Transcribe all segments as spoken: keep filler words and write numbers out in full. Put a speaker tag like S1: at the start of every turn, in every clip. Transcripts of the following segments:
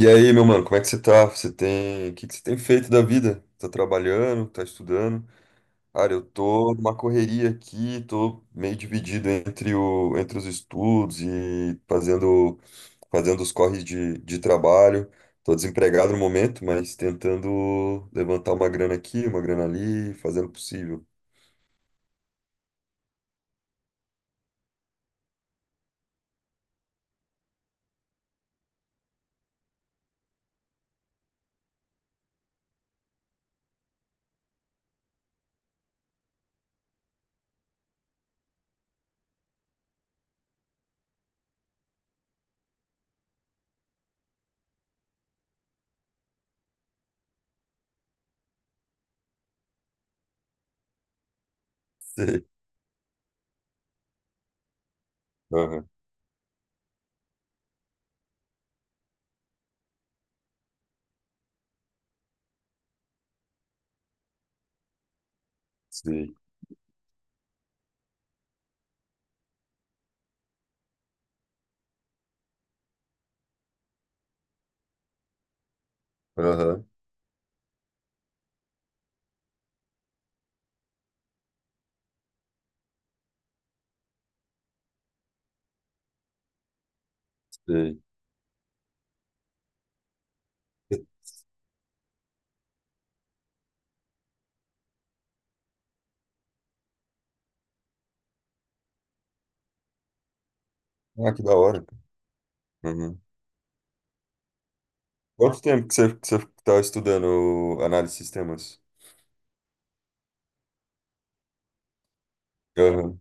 S1: E aí, meu mano, como é que você tá? Você tem, o que que você tem feito da vida? Tá trabalhando, tá estudando? Cara, eu tô numa correria aqui, tô meio dividido entre o, entre os estudos e fazendo, fazendo os corres de, de trabalho. Tô desempregado no momento, mas tentando levantar uma grana aqui, uma grana ali, fazendo o possível. Sei. Aham, sei. Aham, sei. Ah, que da hora. Uhum. Quanto tempo que você, que você tá estudando análise de sistemas? Aham,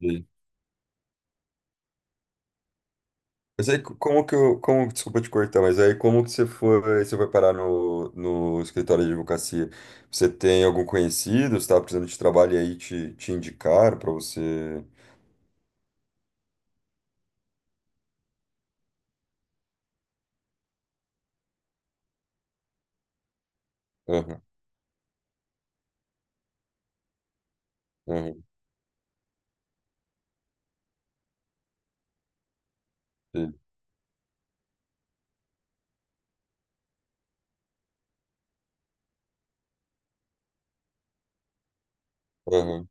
S1: sim. Mas aí, co- como que eu, como, desculpa te cortar, mas aí como que você foi, você foi parar no, no escritório de advocacia? Você tem algum conhecido, você estava precisando de trabalho e aí te, te indicaram para você? Aham, aham, sim, aham.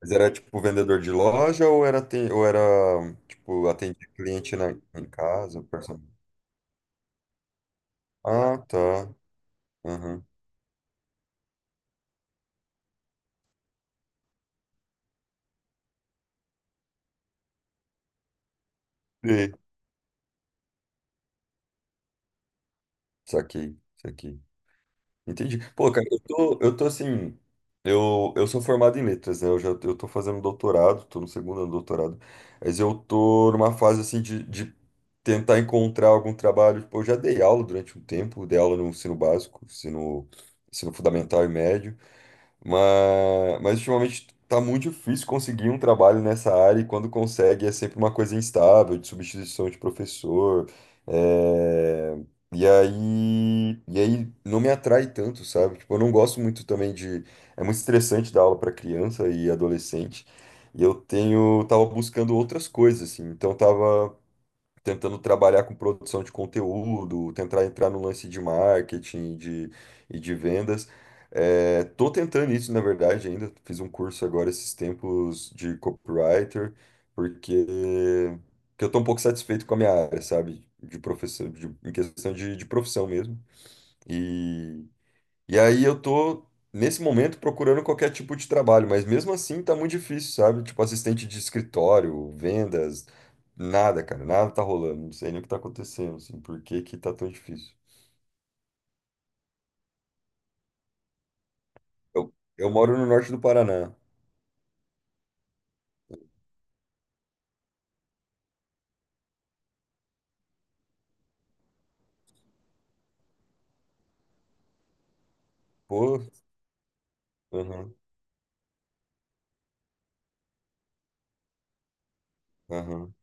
S1: Mas era tipo vendedor de loja ou era, tem, ou era tipo atender cliente na, em casa, pessoal? Ah, tá. Aham. Sim. Saquei, saquei. Entendi. Pô, cara, eu tô, eu tô assim. Eu, eu sou formado em letras, né? Eu já eu tô fazendo doutorado, tô no segundo ano do doutorado. Mas eu tô numa fase, assim, de, de tentar encontrar algum trabalho. Tipo, eu já dei aula durante um tempo, dei aula no ensino básico, ensino, ensino fundamental e médio. Mas, mas ultimamente tá muito difícil conseguir um trabalho nessa área, e quando consegue é sempre uma coisa instável, de substituição de professor. é, E aí, e aí não me atrai tanto, sabe? Tipo, eu não gosto muito também de. É muito estressante dar aula para criança e adolescente. E eu tenho, tava buscando outras coisas, assim. Então tava tentando trabalhar com produção de conteúdo, tentar entrar no lance de marketing de, e de vendas. É, tô tentando isso, na verdade, ainda. Fiz um curso agora esses tempos de copywriter, porque, porque eu tô um pouco satisfeito com a minha área, sabe? De profissão, de- em questão de, de profissão mesmo. E aí eu tô, nesse momento, procurando qualquer tipo de trabalho, mas mesmo assim tá muito difícil, sabe? Tipo, assistente de escritório, vendas, nada, cara, nada tá rolando. Não sei nem o que tá acontecendo, assim, por que que tá tão difícil. Eu, eu moro no norte do Paraná. Pô, aham, aham.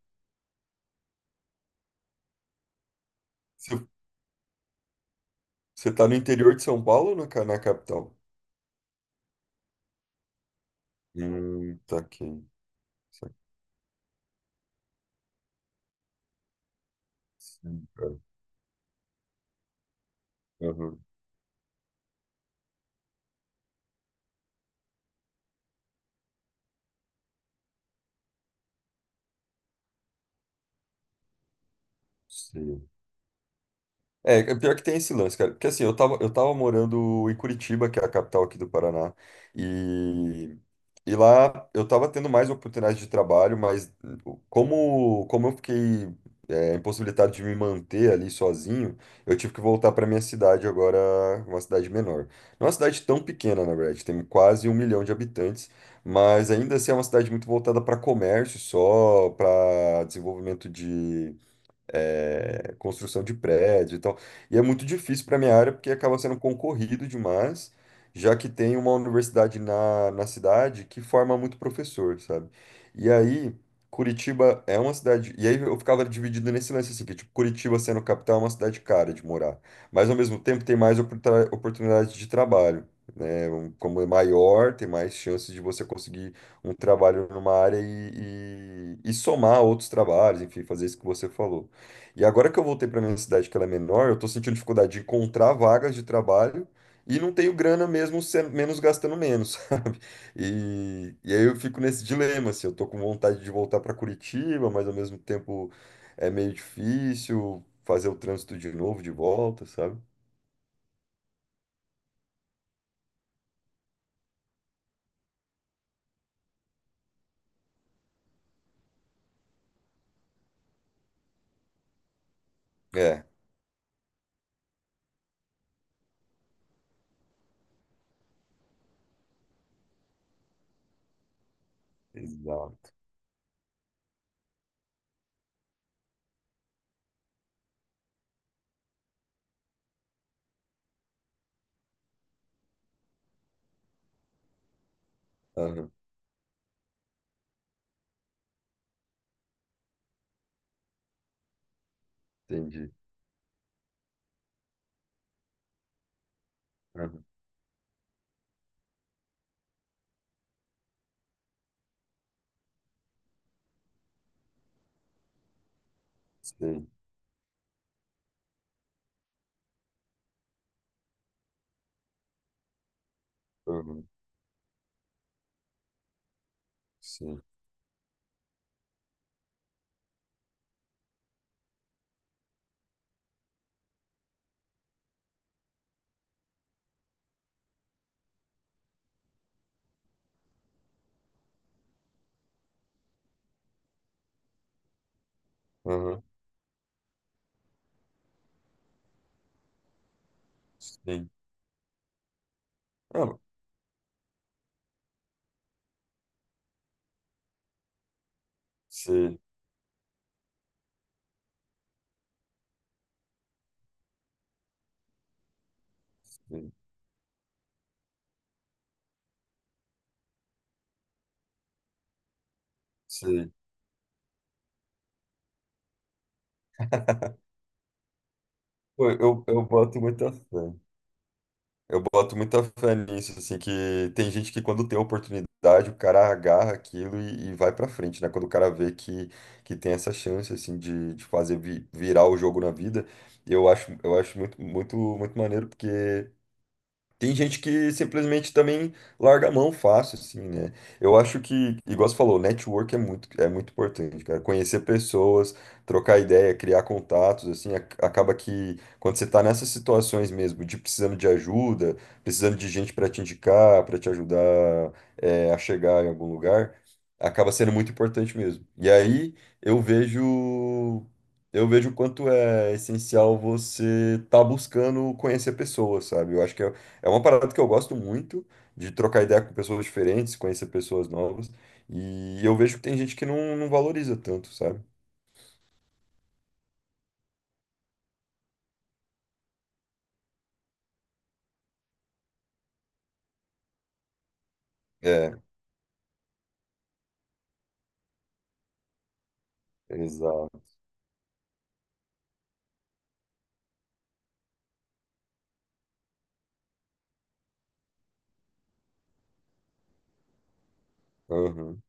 S1: Você você tá no interior de São Paulo ou na, ca- na capital? Hum, tá aqui. Isso aqui. Sim, cara. Aham, sei. É, é pior que tem esse lance, cara. Porque assim, eu tava, eu tava morando em Curitiba, que é a capital aqui do Paraná, e, e lá eu tava tendo mais oportunidades de trabalho, mas hum, como, como eu fiquei, é, impossibilitado de me manter ali sozinho, eu tive que voltar pra minha cidade agora, uma cidade menor. Não é uma cidade tão pequena, na verdade, tem quase um milhão de habitantes, mas ainda assim é uma cidade muito voltada para comércio só, para desenvolvimento, é, construção de prédio e tal. E é muito difícil para minha área porque acaba sendo concorrido demais, já que tem uma universidade na, na cidade que forma muito professor, sabe? E aí, Curitiba é uma cidade. E aí eu ficava dividido nesse lance assim, que tipo, Curitiba sendo capital é uma cidade cara de morar, mas ao mesmo tempo tem mais oportuna- oportunidades de trabalho. Né. Um- como é maior, tem mais chances de você conseguir um trabalho numa área e, e, e somar outros trabalhos, enfim, fazer isso que você falou. E agora que eu voltei para minha cidade, que ela é menor, eu tô sentindo dificuldade de encontrar vagas de trabalho e não tenho grana mesmo, se- menos, gastando menos, sabe? E, e aí eu fico nesse dilema, assim, eu tô com vontade de voltar para Curitiba, mas ao mesmo tempo é meio difícil fazer o trânsito de novo, de volta, sabe? É, exato. Aham, entendi. Aham, sim, aham, sim, aham, sim. Ah, sim, sim, sim. Pô, Eu, eu boto muita fé. Eu boto muita fé nisso, assim, que tem gente que quando tem oportunidade, o cara agarra aquilo e, e vai pra frente, né? Quando o cara vê que, que tem essa chance, assim, de, de fazer vi- virar o jogo na vida, eu acho, eu acho muito, muito, muito maneiro, porque tem gente que simplesmente também larga a mão fácil, assim, né? Eu acho que, igual você falou, network é muito, é muito, importante, cara. Conhecer pessoas, trocar ideia, criar contatos, assim, ac- acaba que quando você tá nessas situações mesmo, de precisando de ajuda, precisando de gente para te indicar, para te ajudar, é, a chegar em algum lugar, acaba sendo muito importante mesmo. E aí eu vejo. Eu vejo o quanto é essencial você estar buscando conhecer pessoas, sabe? Eu acho que é é uma parada que eu gosto muito de trocar ideia com pessoas diferentes, conhecer pessoas novas. E eu vejo que tem gente que não, não valoriza tanto, sabe? É, exato. Aham,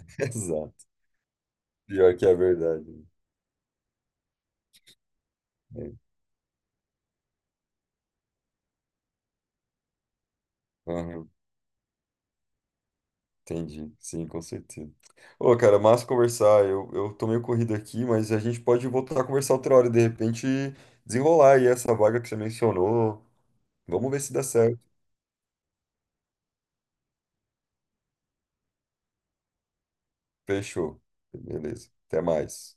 S1: exato. Pior que é verdade, né? É, aham, entendi. Sim, com certeza. Ô, cara, massa conversar. Eu, eu tô meio corrido aqui, mas a gente pode voltar a conversar outra hora. De repente, desenrolar aí essa vaga que você mencionou. Vamos ver se dá certo. Fechou. Beleza. Até mais.